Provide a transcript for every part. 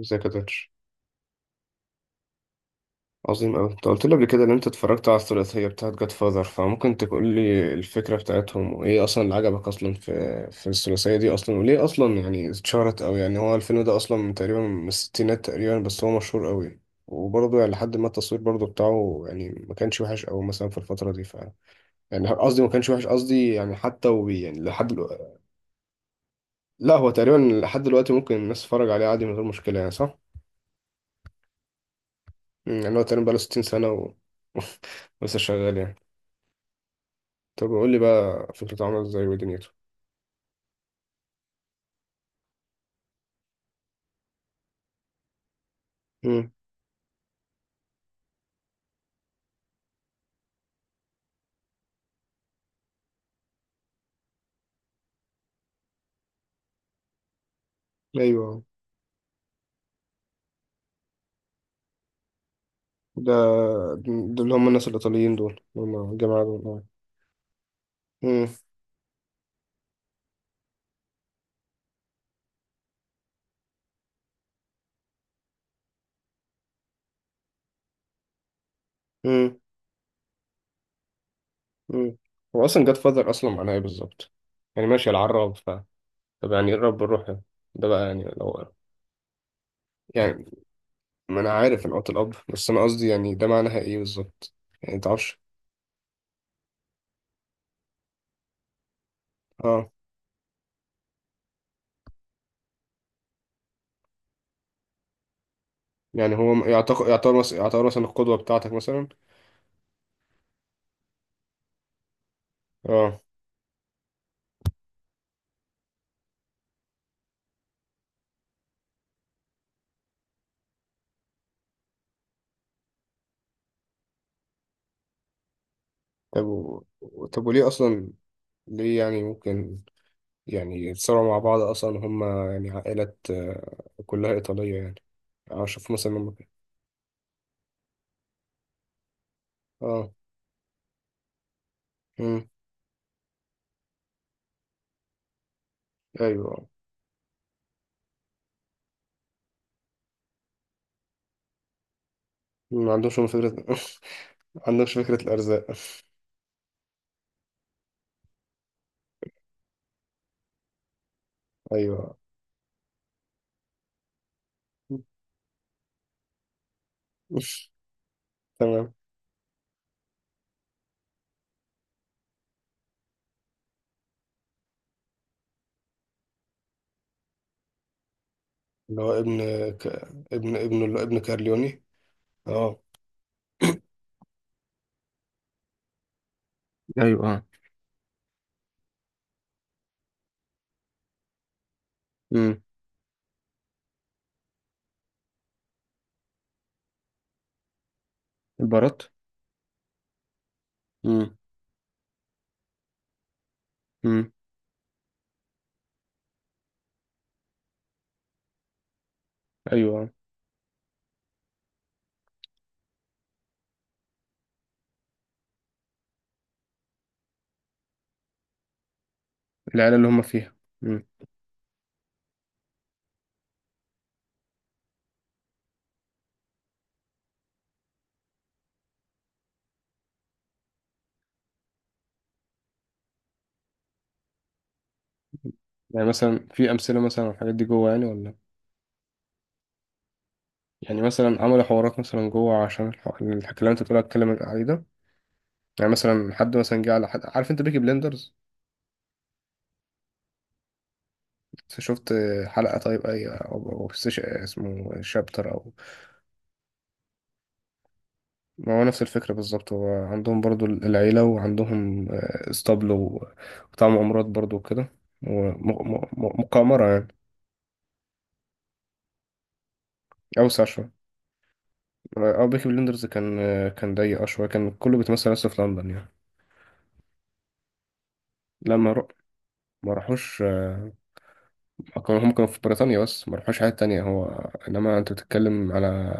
ازيك يا دكتور؟ عظيم أوي. انت قلت لي قبل كده ان انت اتفرجت على الثلاثية بتاعت جاد فاذر، فممكن تقول لي الفكرة بتاعتهم وايه اصلا اللي عجبك اصلا في الثلاثية دي اصلا، وليه اصلا يعني اتشهرت أوي؟ يعني هو الفيلم ده اصلا من تقريبا من الستينات تقريبا، بس هو مشهور أوي. وبرضه يعني لحد ما التصوير برضه بتاعه يعني ما كانش وحش أوي مثلا في الفترة دي يعني قصدي ما كانش وحش، قصدي يعني حتى وبي يعني لحد دلوقتي. لا، هو تقريبا لحد دلوقتي ممكن الناس تتفرج عليه عادي من غير مشكلة، يعني صح؟ يعني هو تقريبا بقاله 60 سنة ولسه شغال يعني. طب قول لي بقى فكرته عاملة ازاي ودنيته. امم. ايوه، ده ده اللي هم الناس الايطاليين دول، اللي هم الجماعه دول، اه. امم. امم. امم. هو أصلا جاد فاذر أصلا معناه إيه بالظبط؟ يعني ماشي، العراب. طب يعني إيه الرب الروح ده؟ ده بقى يعني لو يعني، ما أنا عارف إن قوة الأب، بس أنا قصدي يعني ده معناها إيه بالظبط؟ يعني متعرفش. اه. يعني هو يعتبر مثلا القدوة بتاعتك مثلا. اه. طب و... طب وليه أصلا؟ ليه يعني ممكن يعني اتصوروا مع بعض أصلا هما يعني عائلات، كلها إيطالية يعني. أنا أشوف مثلا لما اه. مم. أيوه. ما عندهمش هم فكرة. ما عندهمش فكرة الأرزاق. أيوه. تمام. اللي هو ابن ك... ابن اللي هو ابن كارليوني. اه. ايوه. اه. امم. البارات. امم. امم. ايوه. العيله اللي هم فيها. امم. يعني مثلا في امثله مثلا على الحاجات دي جوه يعني، ولا يعني مثلا عملوا حوارات مثلا جوه عشان الحكي اللي انت بتقول اتكلم عليه ده؟ يعني مثلا حد مثلا جه على حد. عارف انت بيكي بلندرز؟ شفت حلقة؟ طيب اي او أو بس اسمه شابتر او. ما هو نفس الفكرة بالظبط. هو عندهم برضو العيلة، وعندهم اسطبل وبتاع مغامرات برضو وكده. وم- م- م- مقامرة يعني. أوسع شوية. أو بيكي بلندرز كان ضيق شوية، كان كله بيتمثل بس في لندن يعني. لا، ما راحوش. هم كانوا في بريطانيا، بس ما راحوش حتة تانية. هو إنما أنت بتتكلم على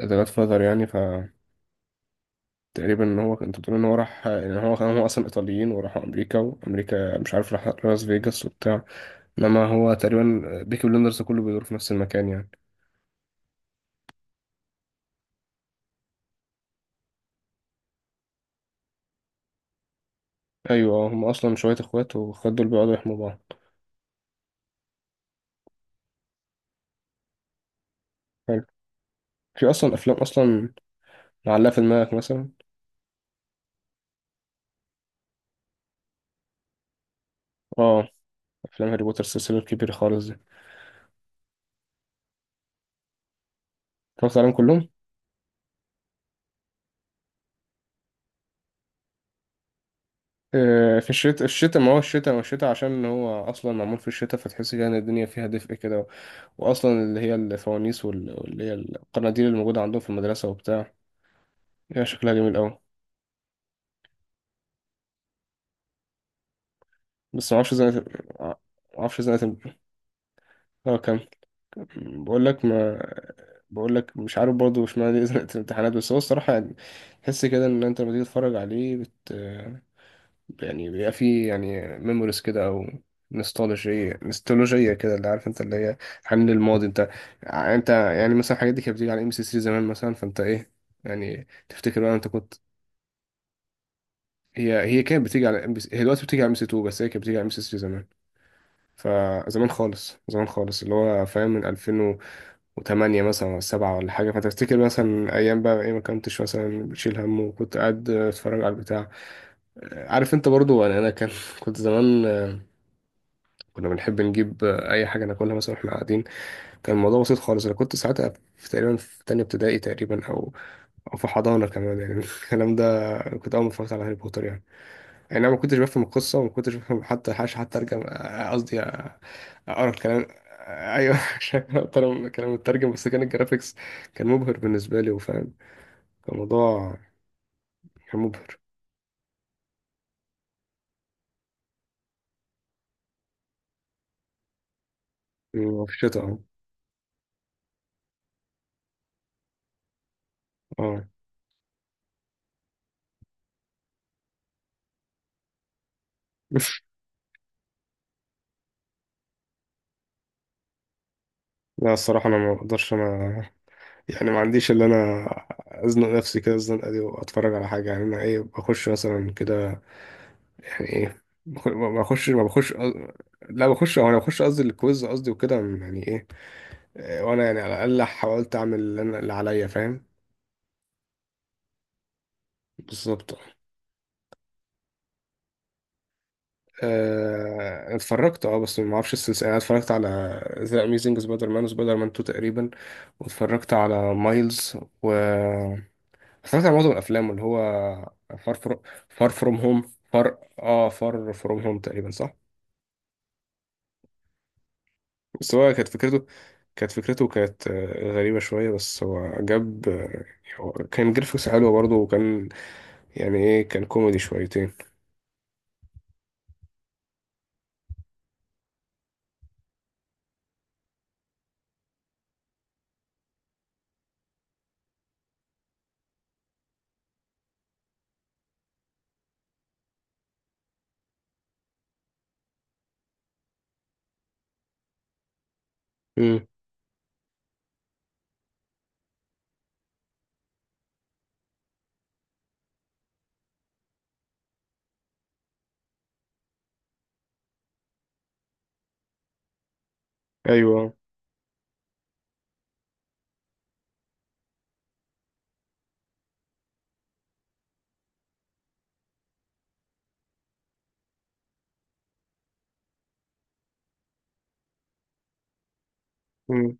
ذا جاد فاذر يعني، تقريبا ان هو، انت بتقول ان هو راح، ان هو كان، هو اصلا ايطاليين وراحوا امريكا، وامريكا مش عارف راح لاس فيجاس وبتاع. انما هو تقريبا بيكي بلندرز ده كله بيدور في نفس المكان يعني. ايوه، هم اصلا شويه اخوات، والاخوات دول بيقعدوا يحموا بعض. حلو. في اصلا افلام اصلا معلقه في دماغك مثلا؟ اه، افلام هاري بوتر، السلسله الكبيره خالص دي. اتفرجت عليهم كلهم. في الشتاء، الشتاء ما هو الشتاء، ما الشتاء عشان هو اصلا معمول في الشتاء، فتحس كده ان الدنيا فيها دفء كده. واصلا اللي هي الفوانيس واللي هي القناديل الموجوده عندهم في المدرسه وبتاع، هي شكلها جميل أوي. بس معرفش ازاي، ما معرفش ازاي اه كم. بقول لك، ما بقول لك مش عارف برضه، مش معنى دي زنقة الامتحانات، بس هو الصراحة يعني تحس كده ان انت لما تيجي تتفرج عليه يعني بيبقى فيه يعني ميموريز كده، او نوستالجية كده، اللي عارف انت اللي هي حنين للماضي. انت يعني، انت يعني مثلا الحاجات دي كانت بتيجي على ام سي 3 زمان مثلا، فانت ايه يعني تفتكر بقى انت كنت. هي كانت بتيجي على ام بي سي، هي دلوقتي بتيجي على ام سي 2، بس هي كانت بتيجي على ام سي 3. فزمان خالص زمان خالص، اللي هو فاهم من 2008 مثلا ولا 7 ولا حاجة. فتفتكر مثلا أيام بقى إيه، ما كنتش مثلا بتشيل هم، وكنت قاعد أتفرج على البتاع. عارف أنت برضو، أنا كان كنت زمان، كنا بنحب نجيب أي حاجة ناكلها مثلا وإحنا قاعدين. كان الموضوع بسيط خالص، أنا كنت ساعتها في تقريبا في تانية ابتدائي تقريبا، أو أو في حضانة كمان يعني. الكلام ده كنت أول ما اتفرجت على هاري بوتر يعني، يعني انا ما كنتش بفهم القصه، وما كنتش بفهم حتى حاجه حتى ارجع، قصدي اقرا الكلام. ايوه، عشان اقرا كلام مترجم. بس كان الجرافيكس كان مبهر بالنسبه لي، وفاهم، كان موضوع، كان مبهر. في الشتاء اه. اه. لا الصراحه انا ما اقدرش. انا يعني ما عنديش اللي انا ازنق نفسي كده الزنقه دي واتفرج على حاجه. يعني انا ايه بخش مثلا كده؟ يعني ايه ما بخش. لا بخش، او انا بخش قصدي الكويز، قصدي وكده يعني ايه. وانا يعني على الاقل حاولت اعمل اللي انا اللي عليا، فاهم. بالظبط. أنا اتفرجت اه، بس ما اعرفش السلسله. انا اتفرجت على ذا اميزنج سبايدر مان وسبايدر مان 2 تقريبا، واتفرجت على مايلز، و اتفرجت على معظم الافلام اللي هو فار فروم فار فروم هوم، فار فروم هوم تقريبا صح. بس هو كانت فكرته كانت غريبة شوية. بس هو جاب، هو كان جرافيكس حلو برضه، وكان يعني ايه، كان كوميدي شويتين. امم. ايوه. مم.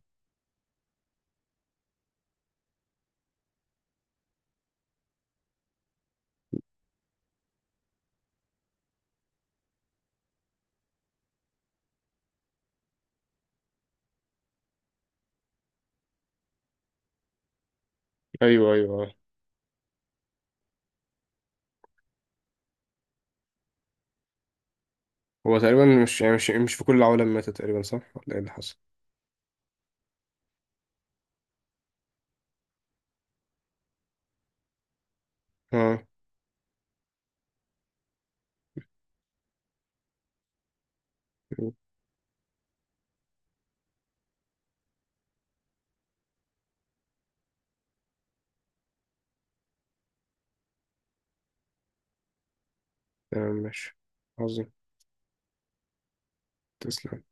ايوه ايوه آه. هو تقريبا مش يعني مش مش في كل العوالم ماتت تقريبا صح، ولا ايه اللي حصل؟ اه. مم. تمام ماشي. عظيم. تسلم.